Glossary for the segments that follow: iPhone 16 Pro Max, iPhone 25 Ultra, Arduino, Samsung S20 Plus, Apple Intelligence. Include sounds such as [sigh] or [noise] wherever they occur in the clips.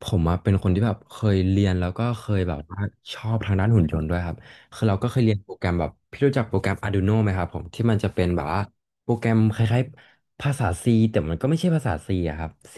ผมอะเป็นคนที่แบบเคยเรียนแล้วก็เคยแบบว่าชอบทางด้านหุ่นยนต์ด้วยครับคือเราก็เคยเรียนโปรแกรมแบบพี่รู้จักโปรแกรม Arduino ไหมครับผมที่มันจะเป็นแบบว่าโปรแกรมคล้ายๆภาษา C แต่มันก็ไม่ใช่ภาษา C อะครับ C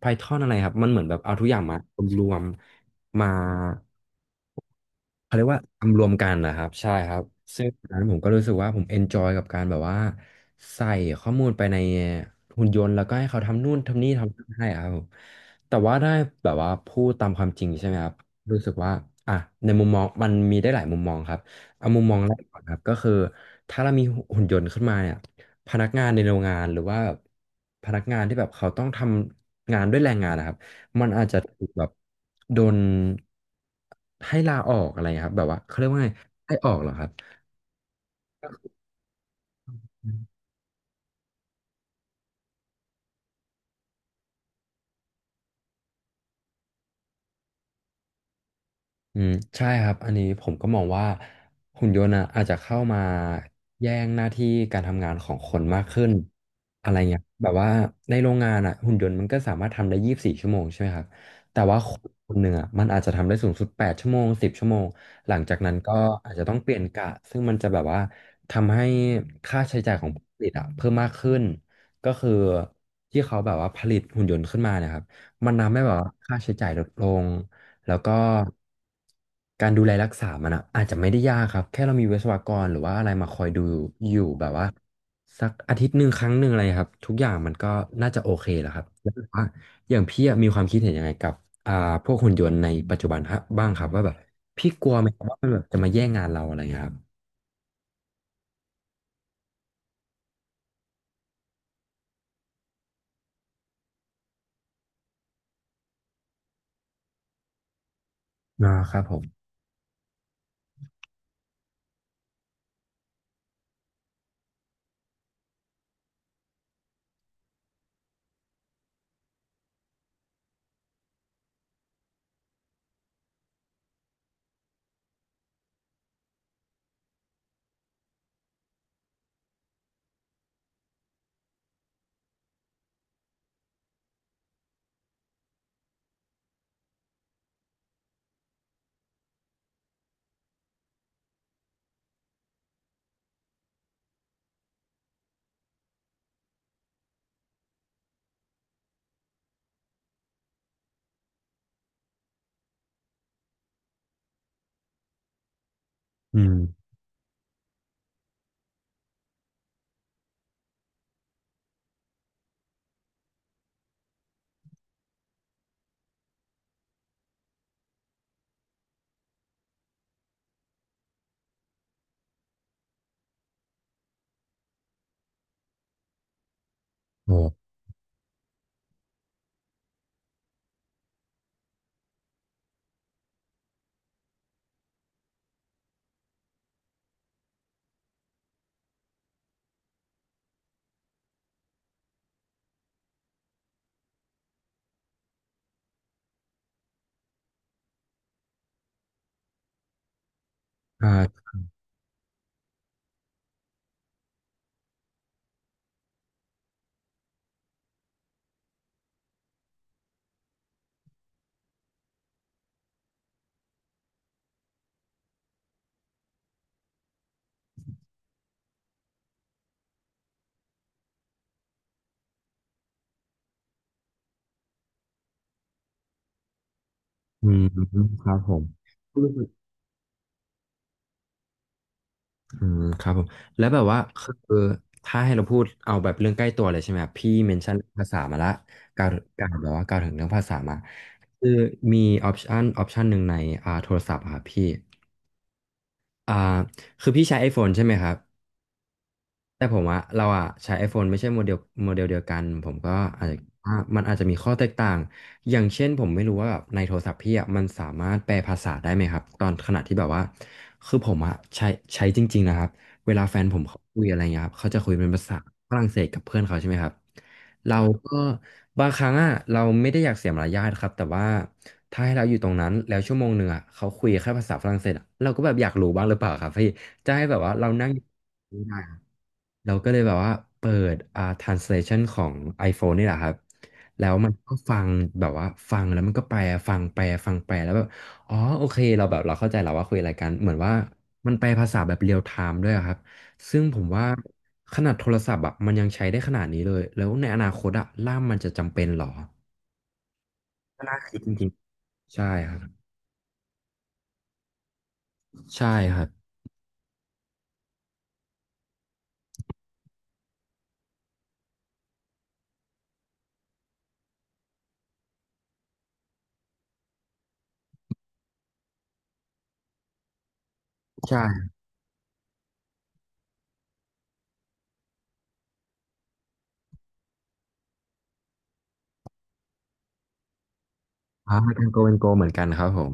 Python อะไรครับมันเหมือนแบบเอาทุกอย่างมารวมมา เขาเรียกว่าทำรวมกันนะครับใช่ครับซึ่งตอนนั้นผมก็รู้สึกว่าผมเอนจอยกับการแบบว่าใส่ข้อมูลไปในหุ่นยนต์แล้วก็ให้เขาทำนู่นทำนี่ทำนั่นให้อะครับผมแต่ว่าได้แบบว่าพูดตามความจริงใช่ไหมครับรู้สึกว่าอ่ะในมุมมองมันมีได้หลายมุมมองครับเอามุมมองแรกก่อนครับก็คือถ้าเรามีหุ่นยนต์ขึ้นมาเนี่ยพนักงานในโรงงานหรือว่าพนักงานที่แบบเขาต้องทำงานด้วยแรงงานนะครับ มันอาจจะถูกแบบโดนให้ลาออกอะไรครับแบบว่าเขาเรียกว่าไงให้ออกเหรอครับ อืมใช่ครับอันนี้ผมก็มองว่าหุ่นยนต์อะอาจจะเข้ามาแย่งหน้าที่การทำงานของคนมากขึ้นอะไรเงี้ยแบบว่าในโรงงานอ่ะหุ่นยนต์มันก็สามารถทำได้24 ชั่วโมงใช่ไหมครับแต่ว่าคนคนหนึ่งอ่ะมันอาจจะทำได้สูงสุด8 ชั่วโมง 10 ชั่วโมงหลังจากนั้นก็อาจจะต้องเปลี่ยนกะซึ่งมันจะแบบว่าทำให้ค่าใช้จ่ายของผู้ผลิตอ่ะเพิ่มมากขึ้นก็คือที่เขาแบบว่าผลิตหุ่นยนต์ขึ้นมาเนะครับมันทำให้แบบว่าค่าใช้จ่ายลดลง แล้วก็การดูแลรักษามันอะอาจจะไม่ได้ยากครับแค่เรามีวิศวกรหรือว่าอะไรมาคอยดูอยู่แบบว่าสักอาทิตย์หนึ่งครั้งหนึ่งอะไรครับทุกอย่างมันก็น่าจะโอเคแหละครับแล้วว่าอย่างพี่อะมีความคิดเห็นยังไงกับอ่าพวกหุ่นยนต์ในปัจจุบันฮะบ้างครับว่าแบบพี่กลัวไหมครับว่ามันแบบจะมาแย่งงานเราอะไรเงี้ยครับอ่าครับผมอืมโอ้อ่าอืมครับผม อืมครับผมแล้วแบบว่าคือถ้าให้เราพูดเอาแบบเรื่องใกล้ตัวเลยใช่ไหมครับพี่เมนชั่นเรื่องภาษามาละกล่าวกล่าวแบบว่ากล่าวถึงเรื่องภาษามาคือมีออปชันหนึ่งในโทรศัพท์อะครับพี่อ่าคือพี่ใช้ iPhone ใช่ไหมครับ แต่ผมว่าเราอะใช้ iPhone ไม่ใช่โมเดลเดียวกันผมก็อาจจะว่ามันอาจจะมีข้อแตกต่างอย่างเช่นผมไม่รู้ว่าแบบในโทรศัพท์พี่อะมันสามารถแปลภาษาได้ไหมครับตอนขณะที่แบบว่าคือผมอะใช้จริงๆนะครับเวลาแฟนผมเขาคุยอะไรเงี้ยครับเขาจะคุยเป็นภาษาฝรั่งเศสกับเพื่อนเขาใช่ไหมครับเราก็บางครั้งอะเราไม่ได้อยากเสียมารยาทครับแต่ว่าถ้าให้เราอยู่ตรงนั้นแล้วชั่วโมงหนึ่งอะเขาคุยแค่ภาษาฝรั่งเศสอะเราก็แบบอยากรู้บ้างหรือเปล่าครับพี่จะให้แบบว่าเรานั่งอยู่ เราก็เลยแบบว่าเปิดtranslation ของ iPhone นี่แหละครับแล้วมันก็ฟังแบบว่าฟังแล้วมันก็แปลฟังแปลฟังแปลแล้วแบบอ๋อโอเคเราแบบเราเข้าใจแล้วว่าคุยอะไรกันเหมือนว่ามันแปลภาษาแบบเรียลไทม์ด้วยอะครับซึ่งผมว่าขนาดโทรศัพท์อ่ะมันยังใช้ได้ขนาดนี้เลยแล้วในอนาคตอ่ะล่ามมันจะจำเป็นเหรอก็น่าคิดจริงๆครับใช่ครับใช่อ่าทางโกเป็นโกเหมือนกันครับผม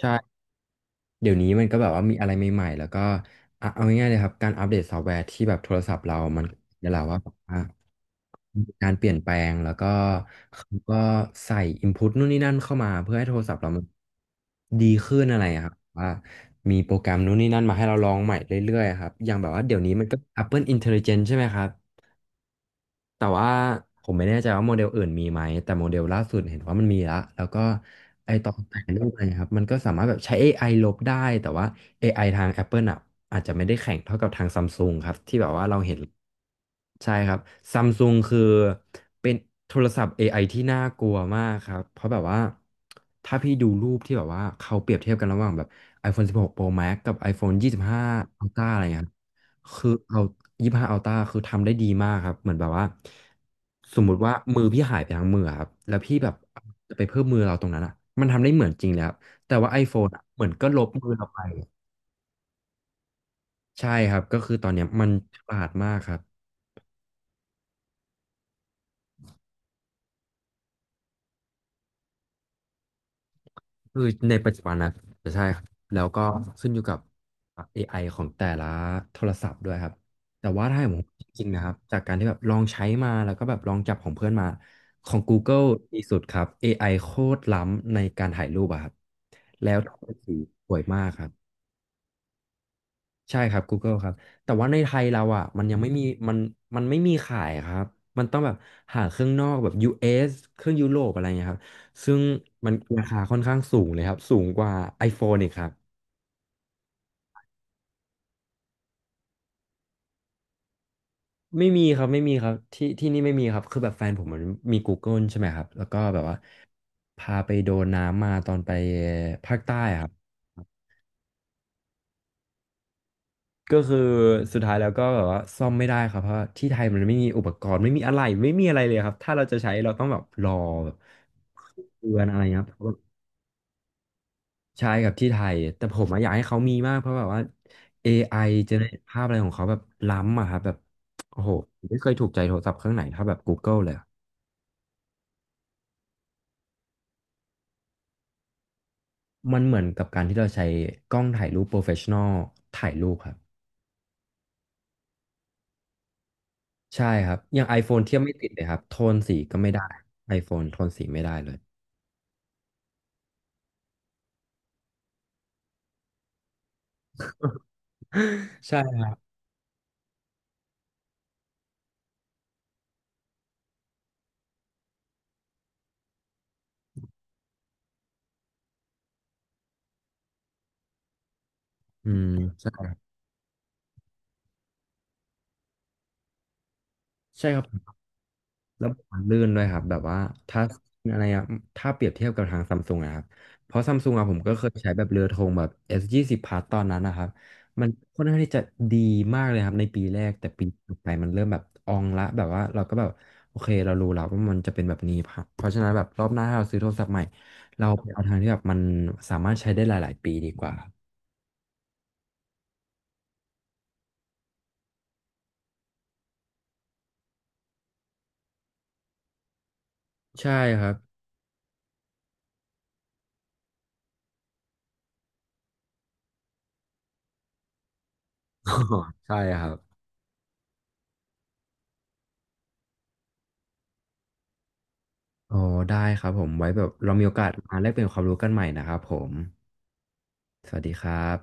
ใช่ เดี๋ยวนี้มันก็แบบว่ามีอะไรใหม่ๆแล้วก็อ่ะเอาง่ายๆเลยครับการอัปเดตซอฟต์แวร์ที่แบบโทรศัพท์เรามันเดี๋ยวเราว่าแบบว่ามีการเปลี่ยนแปลงแล้วก็เขาก็ใส่ input นู่นนี่นั่นเข้ามาเพื่อให้โทรศัพท์เรามันดีขึ้นอะไรอะครับว่ามีโปรแกรมนู่นนี่นั่นมาให้เราลองใหม่เรื่อยๆครับอย่างแบบว่าเดี๋ยวนี้มันก็ Apple Intelligence ใช่ไหมครับ แต่ว่าผมไม่แน่ใจว่าโมเดลอื่นมีไหมแต่โมเดลล่าสุดเห็นว่ามันมีละแล้วก็ไอตอนแต่งรูปอะไรครับมันก็สามารถแบบใช้ AI ลบได้แต่ว่า AI ทาง Apple อาจจะไม่ได้แข่งเท่ากับทางซัมซุงครับที่แบบว่าเราเห็นใช่ครับซัมซุงคือเป็นโทรศัพท์ AI ที่น่ากลัวมากครับเพราะแบบว่าถ้าพี่ดูรูปที่แบบว่าเขาเปรียบเทียบกันระหว่างแบบ iPhone 16 Pro Max กับ iPhone 25 Ultra อะไรเงี้ย คือเอายี่ห้าอัลต้าคือทำได้ดีมากครับเหมือนแบบว่าสมมุติว่ามือพี่หายไปทั้งมืออะครับแล้วพี่แบบจะไปเพิ่มมือเราตรงนั้นอ่ะมันทำได้เหมือนจริงเลยครับแต่ว่า iPhone อะเหมือนก็ลบมือเราไปใช่ครับก็คือตอนเนี้ยมันฉลาดมากครับ คือในปัจจุบันนะใช่ครับแล้วก็ขึ้นอยู่กับ AI ของแต่ละโทรศัพท์ด้วยครับแต่ว่าถ้าให้ผมจริงๆนะครับจากการที่แบบลองใช้มาแล้วก็แบบลองจับของเพื่อนมาของ Google ดีสุดครับ AI โคตรล้ำในการถ่ายรูปอะครับแล้วถ่ายสีสวยมากครับ ใช่ครับ Google ครับแต่ว่าในไทยเราอ่ะมันยังไม่มีมันมันไม่มีขายครับมันต้องแบบหาเครื่องนอกแบบ US เอสเครื่องยุโรปอะไรเงี้ยครับซึ่งมันราคาค่อนข้างสูงเลยครับสูงกว่า iPhone อีกครับไม่มีครับไม่มีครับที่นี่ไม่มีครับคือแบบแฟนผมมันมี Google ใช่ไหมครับแล้วก็แบบว่าพาไปโดนน้ำมาตอนไปภาคใต้ครับ ก็คือสุดท้ายแล้วก็แบบว่าซ่อมไม่ได้ครับเพราะที่ไทยมันไม่มีอุปกรณ์ไม่มีอะไรไม่มีอะไรเลยครับถ้าเราจะใช้เราต้องแบบรอแบบเดือนอะไรเงี้ยครับใช่ครับที่ไทยแต่ผมอะอยากให้เขามีมากเพราะแบบว่า AI เจเนเรตภาพอะไรของเขาแบบล้ำอะครับแบบโอ้โหไม่เคยถูกใจโทรศัพท์เครื่องไหนเท่าแบบ Google เลยอะมันเหมือนกับการที่เราใช้กล้องถ่ายรูปโปรเฟชชั่นอลถ่ายรูปครับใช่ครับอย่าง iPhone เทียบไม่ติดเลยครับโทนสีก็ไม่ได้ iPhone โทนสีไม่ได้เลยใช่อืมใช่ ใช่ครับแล้วมันลื่นด้วยครับแบบว่าถ้าอะไรอะถ้าเปรียบเทียบกับทางซัมซุงนะครับเพราะซัมซุงอะผมก็เคยใช้แบบเรือธงแบบ S20 Plus ตอนนั้นนะครับมันค่อนข้างที่จะดีมากเลยครับในปีแรกแต่ปีต่อไปมันเริ่มแบบอองละแบบว่าเราก็แบบโอเคเรารู้แล้วว่ามันจะเป็นแบบนี้ครับเพราะฉะนั้นแบบรอบหน้าถ้าเราซื้อโทรศัพท์ใหม่เราไปเอาทางที่แบบมันสามารถใช้ได้หลายๆปีดีกว่าใช่ครับ [laughs] ใช่ครับอ๋อได้ครับผมไว้แบบเรามีโอกาสมาแลกเปลี่ยนความรู้กันใหม่นะครับผม สวัสดีครับ